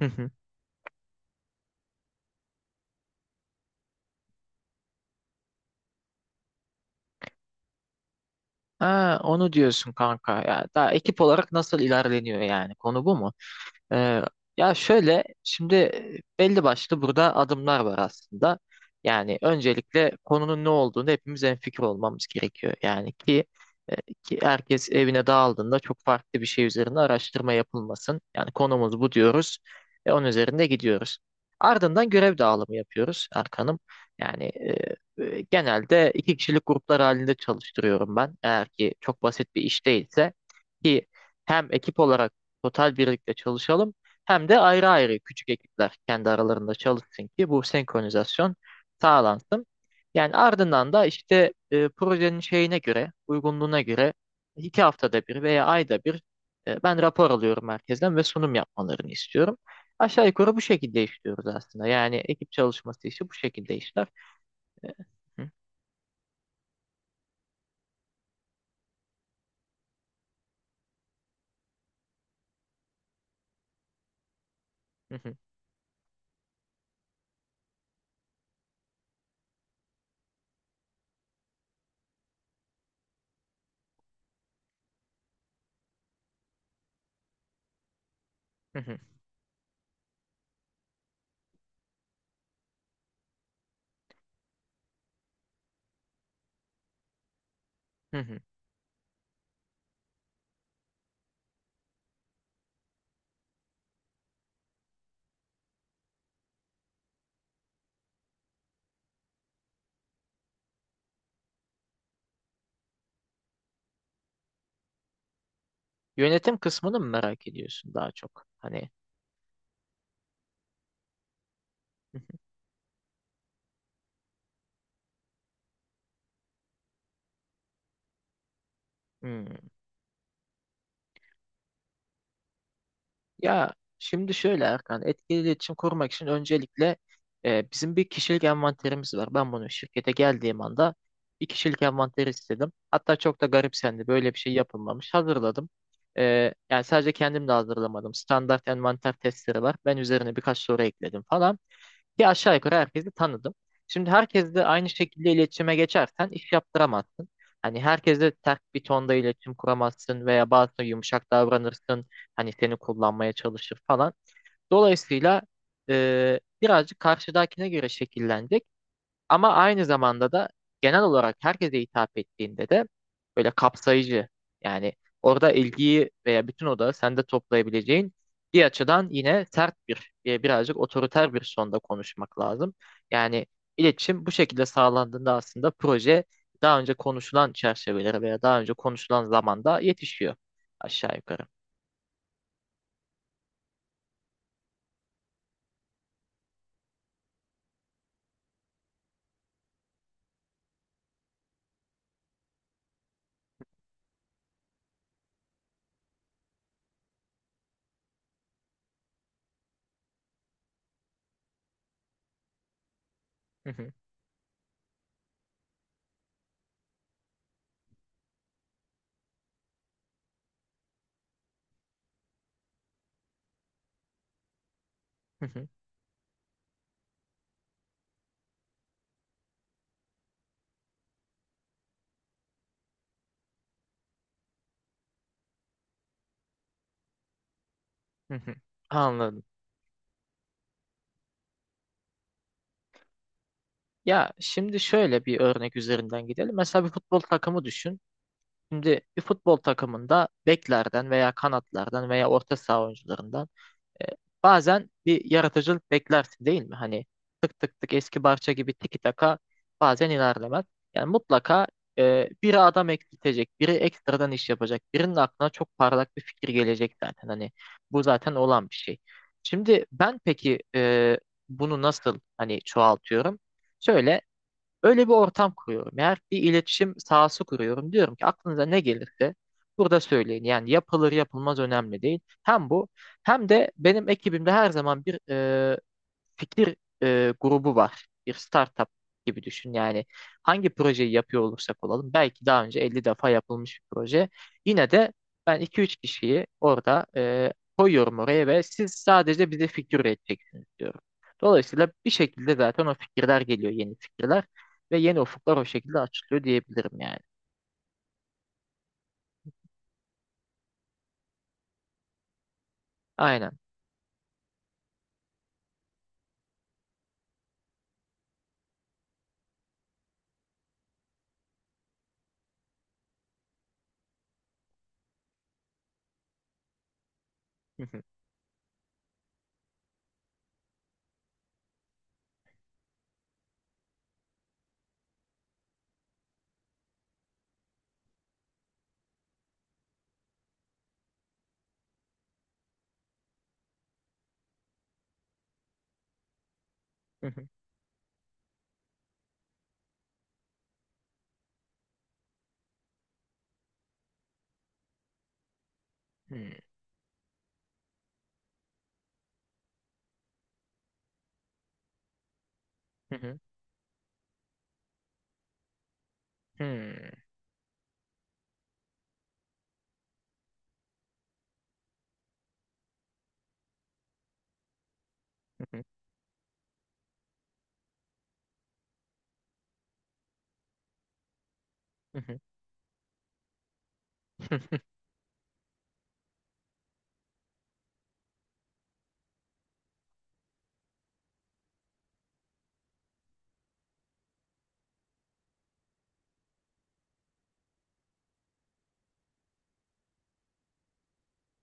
Hı hı. Ha, onu diyorsun kanka. Ya daha ekip olarak nasıl ilerleniyor yani? Konu bu mu? Ee, Ya şöyle şimdi belli başlı burada adımlar var aslında. Yani öncelikle konunun ne olduğunu hepimiz hemfikir olmamız gerekiyor. Yani e, ki herkes evine dağıldığında çok farklı bir şey üzerine araştırma yapılmasın. Yani konumuz bu diyoruz ve onun üzerinde gidiyoruz. Ardından görev dağılımı yapıyoruz Erkan'ım. Yani genelde 2 kişilik gruplar halinde çalıştırıyorum ben. Eğer ki çok basit bir iş değilse ki hem ekip olarak total birlikte çalışalım hem de ayrı ayrı küçük ekipler kendi aralarında çalışsın ki bu senkronizasyon sağlansın. Yani ardından da işte projenin şeyine göre, uygunluğuna göre 2 haftada bir veya ayda bir ben rapor alıyorum merkezden ve sunum yapmalarını istiyorum. Aşağı yukarı bu şekilde işliyoruz aslında. Yani ekip çalışması işi bu şekilde işler. E, hı, hı, hı, hı, hı, hı. Yönetim kısmını mı merak ediyorsun daha çok? Hani hı, hı. Ya şimdi şöyle Erkan, etkili iletişim kurmak için öncelikle bizim bir kişilik envanterimiz var. Ben bunu şirkete geldiğim anda bir kişilik envanteri istedim. Hatta çok da garipsendi. Böyle bir şey yapılmamış. Hazırladım. Yani sadece kendim de hazırlamadım. Standart envanter testleri var. Ben üzerine birkaç soru ekledim falan. Ki aşağı yukarı herkesi tanıdım. Şimdi herkesle aynı şekilde iletişime geçersen iş yaptıramazsın. Hani herkesle ters bir tonda iletişim kuramazsın veya bazı yumuşak davranırsın. Hani seni kullanmaya çalışır falan. Dolayısıyla birazcık karşıdakine göre şekillenecek. Ama aynı zamanda da genel olarak herkese hitap ettiğinde de böyle kapsayıcı yani orada ilgiyi veya bütün odağı sende toplayabileceğin bir açıdan yine sert bir birazcık otoriter bir sonda konuşmak lazım. Yani iletişim bu şekilde sağlandığında aslında proje daha önce konuşulan çerçevelere veya daha önce konuşulan zamanda yetişiyor aşağı yukarı. Hı hı, hı hı, hı hı. Anladım. Ya şimdi şöyle bir örnek üzerinden gidelim. Mesela bir futbol takımı düşün. Şimdi bir futbol takımında beklerden veya kanatlardan veya orta saha oyuncularından e, bazen bir yaratıcılık beklersin değil mi? Hani tık tık tık eski Barça gibi tiki taka bazen ilerlemez. Yani mutlaka biri adam eksiltecek, biri ekstradan iş yapacak, birinin aklına çok parlak bir fikir gelecek zaten. Hani bu zaten olan bir şey. Şimdi ben peki bunu nasıl hani çoğaltıyorum? Şöyle Öyle bir ortam kuruyorum. Eğer bir iletişim sahası kuruyorum. Diyorum ki aklınıza ne gelirse burada söyleyin. Yani yapılır yapılmaz önemli değil. Hem bu hem de benim ekibimde her zaman bir fikir grubu var. Bir startup gibi düşün. Yani hangi projeyi yapıyor olursak olalım belki daha önce 50 defa yapılmış bir proje. Yine de ben 2-3 kişiyi orada koyuyorum oraya ve siz sadece bize fikir üreteceksiniz diyorum. Dolayısıyla bir şekilde zaten o fikirler geliyor, yeni fikirler ve yeni ufuklar o şekilde açılıyor diyebilirim yani. Aynen. Hı hı, hı hı, hı hı, hı hı, hı hı, hı hı,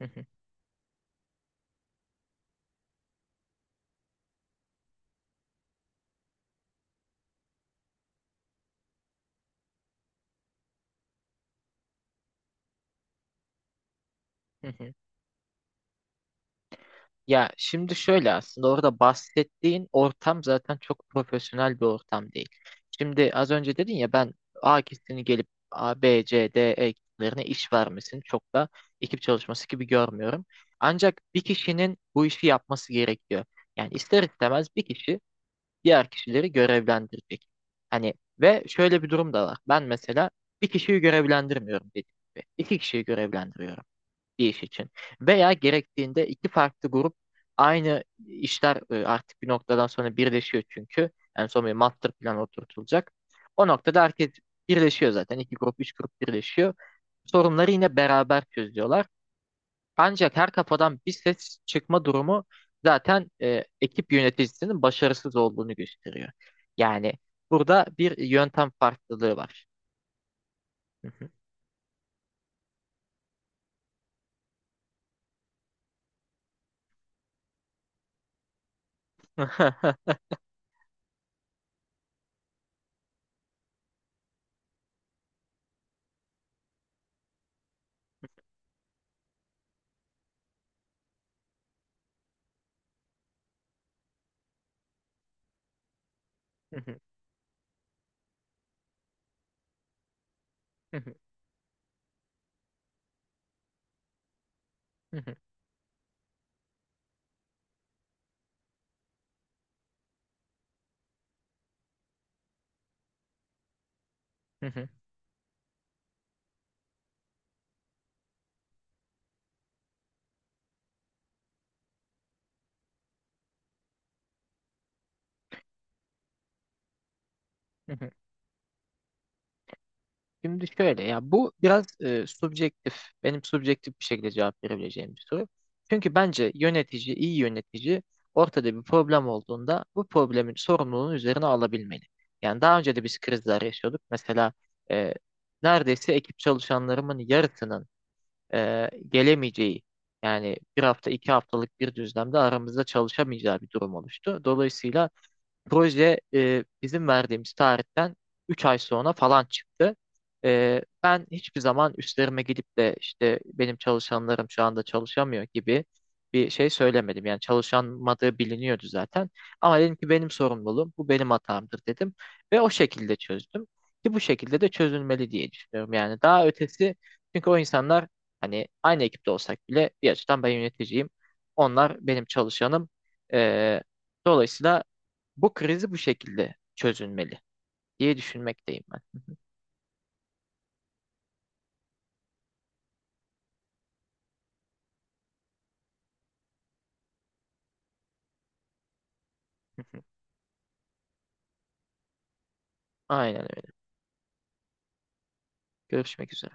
hı hı, hı hı, hı hı. Ya şimdi şöyle aslında orada bahsettiğin ortam zaten çok profesyonel bir ortam değil. Şimdi az önce dedin ya ben A kişisini gelip A, B, C, D, E kişilerine iş vermesini çok da ekip çalışması gibi görmüyorum. Ancak bir kişinin bu işi yapması gerekiyor. Yani ister istemez bir kişi diğer kişileri görevlendirecek. Hani ve şöyle bir durum da var. Ben mesela bir kişiyi görevlendirmiyorum dediğim gibi. 2 kişiyi görevlendiriyorum bir iş için. Veya gerektiğinde 2 farklı grup aynı işler artık bir noktadan sonra birleşiyor çünkü. En son bir master plan oturtulacak. O noktada herkes birleşiyor zaten. 2 grup, 3 grup birleşiyor. Sorunları yine beraber çözüyorlar. Ancak her kafadan bir ses çıkma durumu zaten ekip yöneticisinin başarısız olduğunu gösteriyor. Yani burada bir yöntem farklılığı var. Şimdi şöyle ya bu biraz subjektif, benim subjektif bir şekilde cevap verebileceğim bir soru. Çünkü bence yönetici, iyi yönetici ortada bir problem olduğunda bu problemin sorumluluğunu üzerine alabilmeli. Yani daha önce de biz krizler yaşıyorduk. Mesela e, neredeyse ekip çalışanlarımın yarısının gelemeyeceği yani 1 hafta 2 haftalık bir düzlemde aramızda çalışamayacağı bir durum oluştu. Dolayısıyla proje bizim verdiğimiz tarihten 3 ay sonra falan çıktı. Ben hiçbir zaman üstlerime gidip de işte benim çalışanlarım şu anda çalışamıyor gibi bir şey söylemedim. Yani çalışamadığı biliniyordu zaten. Ama dedim ki benim sorumluluğum, bu benim hatamdır dedim. Ve o şekilde çözdüm. Ki bu şekilde de çözülmeli diye düşünüyorum. Yani daha ötesi çünkü o insanlar hani aynı ekipte olsak bile bir açıdan ben yöneticiyim. Onlar benim çalışanım. E, Dolayısıyla bu krizi bu şekilde çözülmeli diye düşünmekteyim ben. Aynen öyle. Görüşmek üzere.